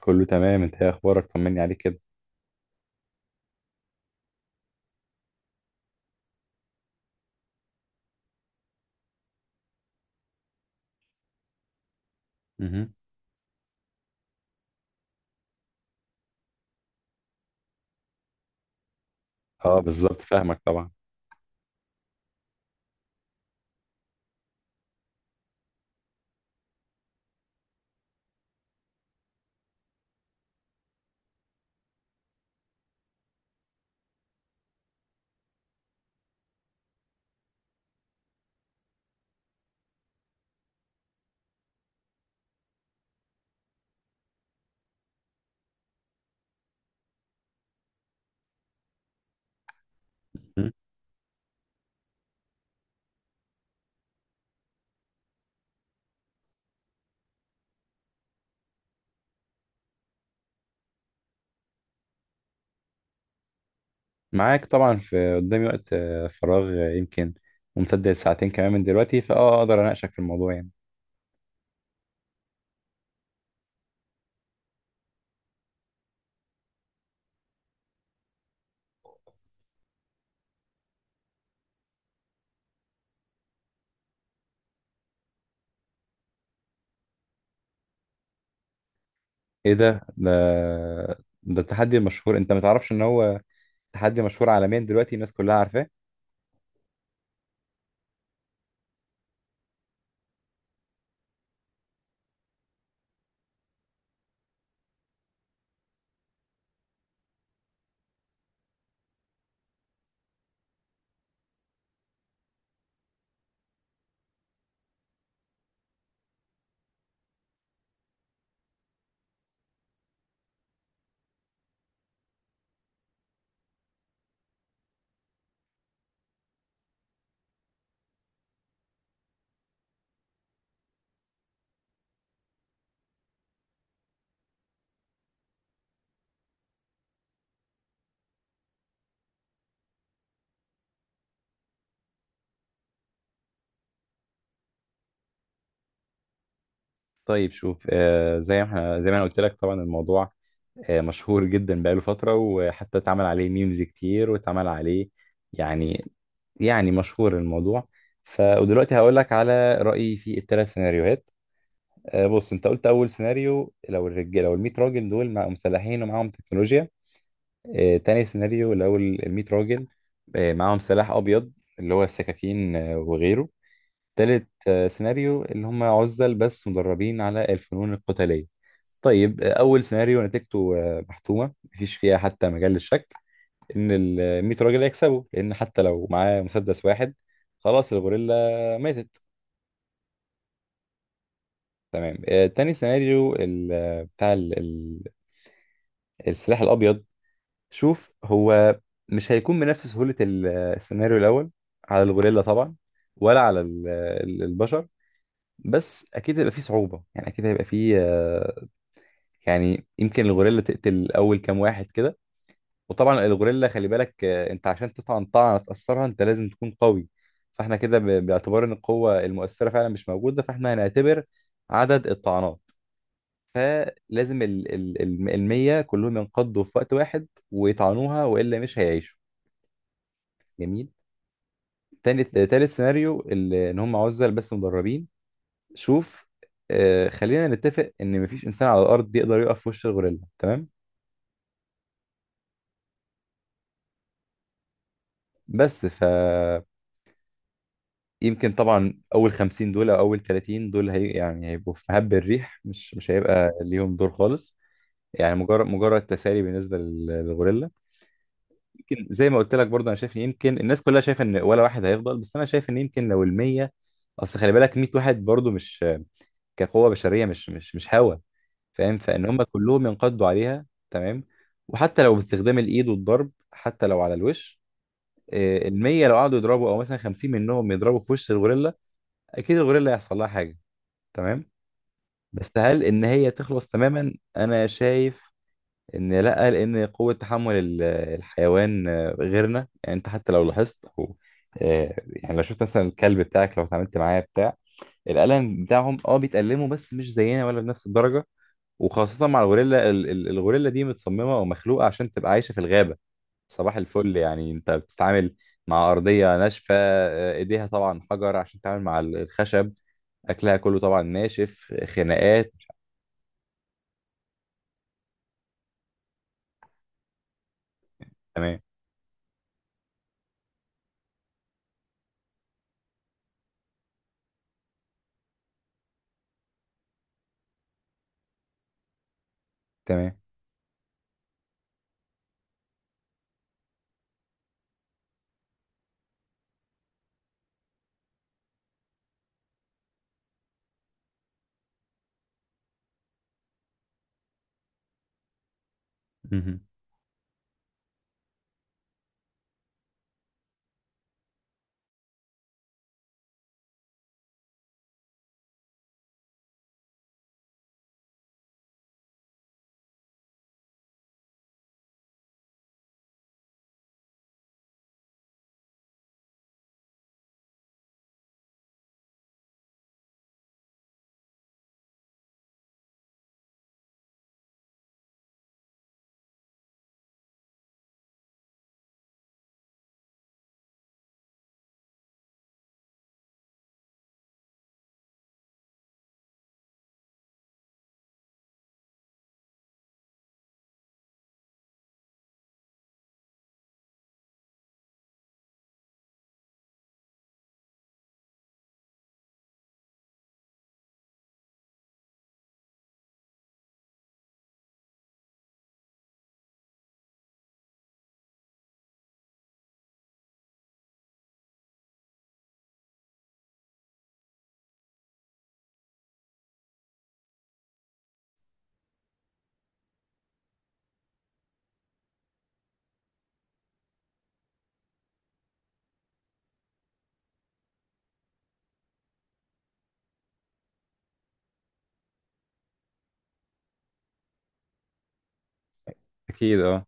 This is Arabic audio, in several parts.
كله تمام، انت ايه اخبارك؟ طمني عليك كده. مهم. اه بالظبط، فاهمك طبعا. مهم. معاك طبعا. في قدامي وقت فراغ يمكن ممتد لساعتين كمان من دلوقتي، فاه اقدر اناقشك في الموضوع يعني. ايه ده؟ ده التحدي المشهور، انت ما تعرفش ان هو تحدي مشهور عالميا دلوقتي، الناس كلها عارفاه. طيب شوف، زي ما احنا، زي ما انا قلت لك، طبعا الموضوع مشهور جدا بقاله فترة، وحتى اتعمل عليه ميمز كتير واتعمل عليه يعني، يعني مشهور الموضوع. ودلوقتي هقول لك على رأيي في الثلاث سيناريوهات. بص، انت قلت اول سيناريو لو الرجاله، لو ال 100 راجل دول مع مسلحين ومعاهم تكنولوجيا. تاني سيناريو لو ال 100 راجل معاهم سلاح ابيض، اللي هو السكاكين وغيره. تالت سيناريو اللي هم عزل بس مدربين على الفنون القتالية. طيب، اول سيناريو نتيجته محتومة، مفيش فيها حتى مجال للشك ان ال 100 راجل هيكسبوا، لان حتى لو معاه مسدس واحد، خلاص الغوريلا ماتت. تمام. تاني سيناريو بتاع السلاح الابيض، شوف، هو مش هيكون بنفس سهولة السيناريو الاول على الغوريلا طبعا، ولا على البشر، بس اكيد هيبقى فيه صعوبة يعني، اكيد هيبقى فيه يعني يمكن الغوريلا تقتل اول كام واحد كده. وطبعا الغوريلا خلي بالك، انت عشان تطعن طعنه تاثرها انت لازم تكون قوي. فاحنا كده باعتبار ان القوه المؤثره فعلا مش موجوده، فاحنا هنعتبر عدد الطعنات. فلازم المية كلهم ينقضوا في وقت واحد ويطعنوها، والا مش هيعيشوا. جميل. تاني تالت سيناريو ان هم عزل بس مدربين. شوف، خلينا نتفق ان مفيش انسان على الارض يقدر يقف في وش الغوريلا. تمام. بس ف يمكن طبعا اول 50 دول او اول 30 دول هي يعني هيبقوا في مهب الريح، مش هيبقى ليهم دور خالص. يعني مجرد تسالي بالنسبه للغوريلا. يمكن زي ما قلت لك برضه، انا شايف ان يمكن الناس كلها شايفه ان ولا واحد هيفضل، بس انا شايف ان يمكن لو ال 100، اصل خلي بالك 100 واحد برضه، مش كقوه بشريه مش هوا، فاهم؟ فان هم كلهم ينقضوا عليها تمام، وحتى لو باستخدام الايد والضرب، حتى لو على الوش، ال 100 لو قعدوا يضربوا، او مثلا 50 منهم يضربوا في وش الغوريلا، اكيد الغوريلا هيحصل لها حاجه. تمام. بس هل ان هي تخلص تماما؟ انا شايف ان لا، لان قوة تحمل الحيوان غيرنا، يعني انت حتى لو لاحظت او يعني لو شفت مثلا الكلب بتاعك لو اتعاملت معاه بتاع، الألم بتاعهم اه بيتألموا بس مش زينا ولا بنفس الدرجة. وخاصة مع الغوريلا، الغوريلا دي متصممة ومخلوقة عشان تبقى عايشة في الغابة. صباح الفل، يعني انت بتتعامل مع أرضية ناشفة، ايديها طبعا حجر عشان تتعامل مع الخشب، أكلها كله طبعا ناشف، خناقات. تمام. تمام. مهم. اكيد اه.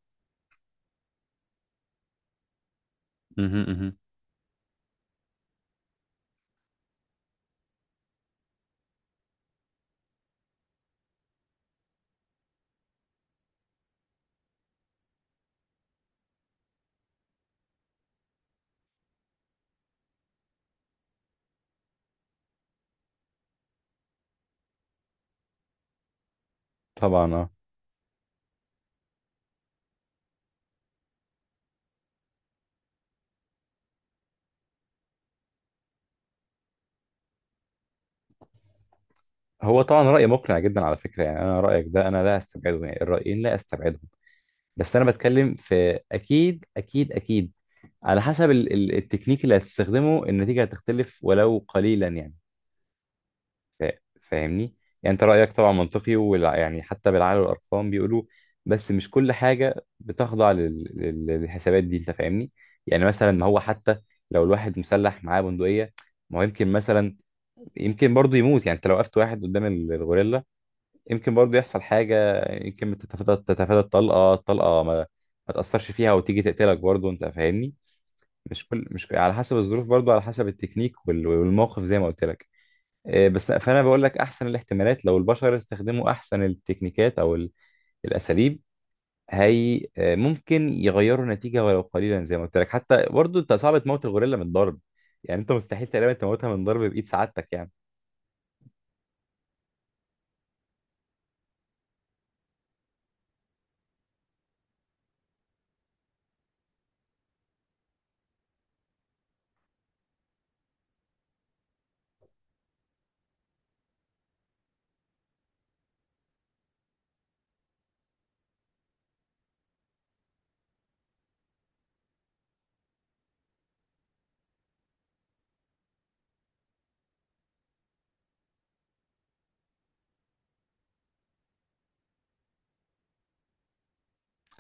مهم، مهم. طبعا اه. هو طبعا رأي مقنع جدا على فكرة، يعني انا رأيك ده انا لا استبعده، يعني الرأيين لا استبعدهم، بس انا بتكلم في، اكيد على حسب التكنيك اللي هتستخدمه النتيجة هتختلف ولو قليلا يعني. فا- فاهمني، يعني انت رأيك طبعا منطقي ولا يعني، حتى بالعقل والارقام بيقولوا. بس مش كل حاجة بتخضع للحسابات دي، انت فاهمني. يعني مثلا، ما هو حتى لو الواحد مسلح معاه بندقية، ما هو يمكن مثلا، يمكن برضو يموت، يعني انت لو وقفت واحد قدام الغوريلا يمكن برضو يحصل حاجة، يمكن تتفادى، تتفادى الطلقة ما ما تأثرش فيها وتيجي تقتلك برضو، انت فاهمني. مش كل، مش على حسب الظروف برضو، على حسب التكنيك وال- والموقف زي ما قلت لك. إيه، بس فانا بقول لك، احسن الاحتمالات لو البشر استخدموا احسن التكنيكات او الاساليب، هي ممكن يغيروا النتيجة ولو قليلا. زي ما قلت لك، حتى برضو انت صعب تموت الغوريلا من ضرب، يعني انت مستحيل تقريبا تموتها من ضرب بإيد سعادتك يعني.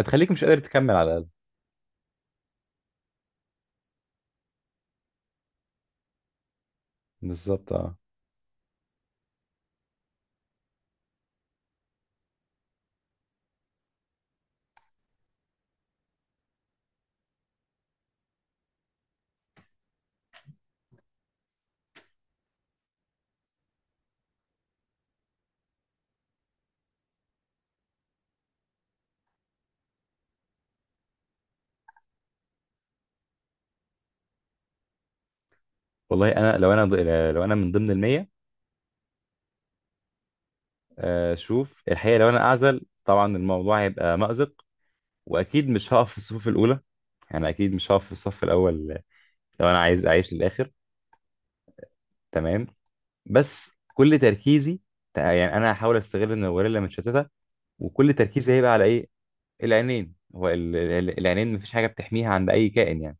هتخليك مش قادر تكمل على. بالظبط اه. والله انا لو انا من ضمن المية، شوف الحقيقة، لو انا اعزل طبعا الموضوع هيبقى مأزق، واكيد مش هقف في الصفوف الاولى، يعني اكيد مش هقف في الصف الاول لو انا عايز اعيش للاخر. تمام. بس كل تركيزي يعني، انا هحاول استغل ان الغوريلا متشتتة، وكل تركيزي هيبقى على ايه؟ العينين. هو العينين مفيش حاجة بتحميها عند اي كائن يعني،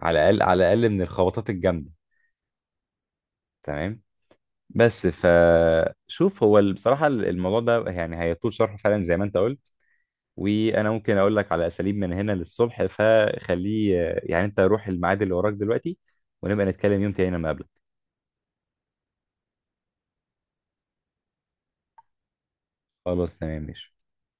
على الاقل، على الاقل من الخبطات الجامدة. تمام. بس فشوف هو ال-، بصراحة الموضوع ده يعني هيطول شرحه فعلا زي ما انت قلت، وانا ممكن اقول لك على اساليب من هنا للصبح، فخليه يعني، انت روح الميعاد اللي وراك دلوقتي، ونبقى نتكلم يوم تاني لما اقابلك. خلاص تمام ماشي.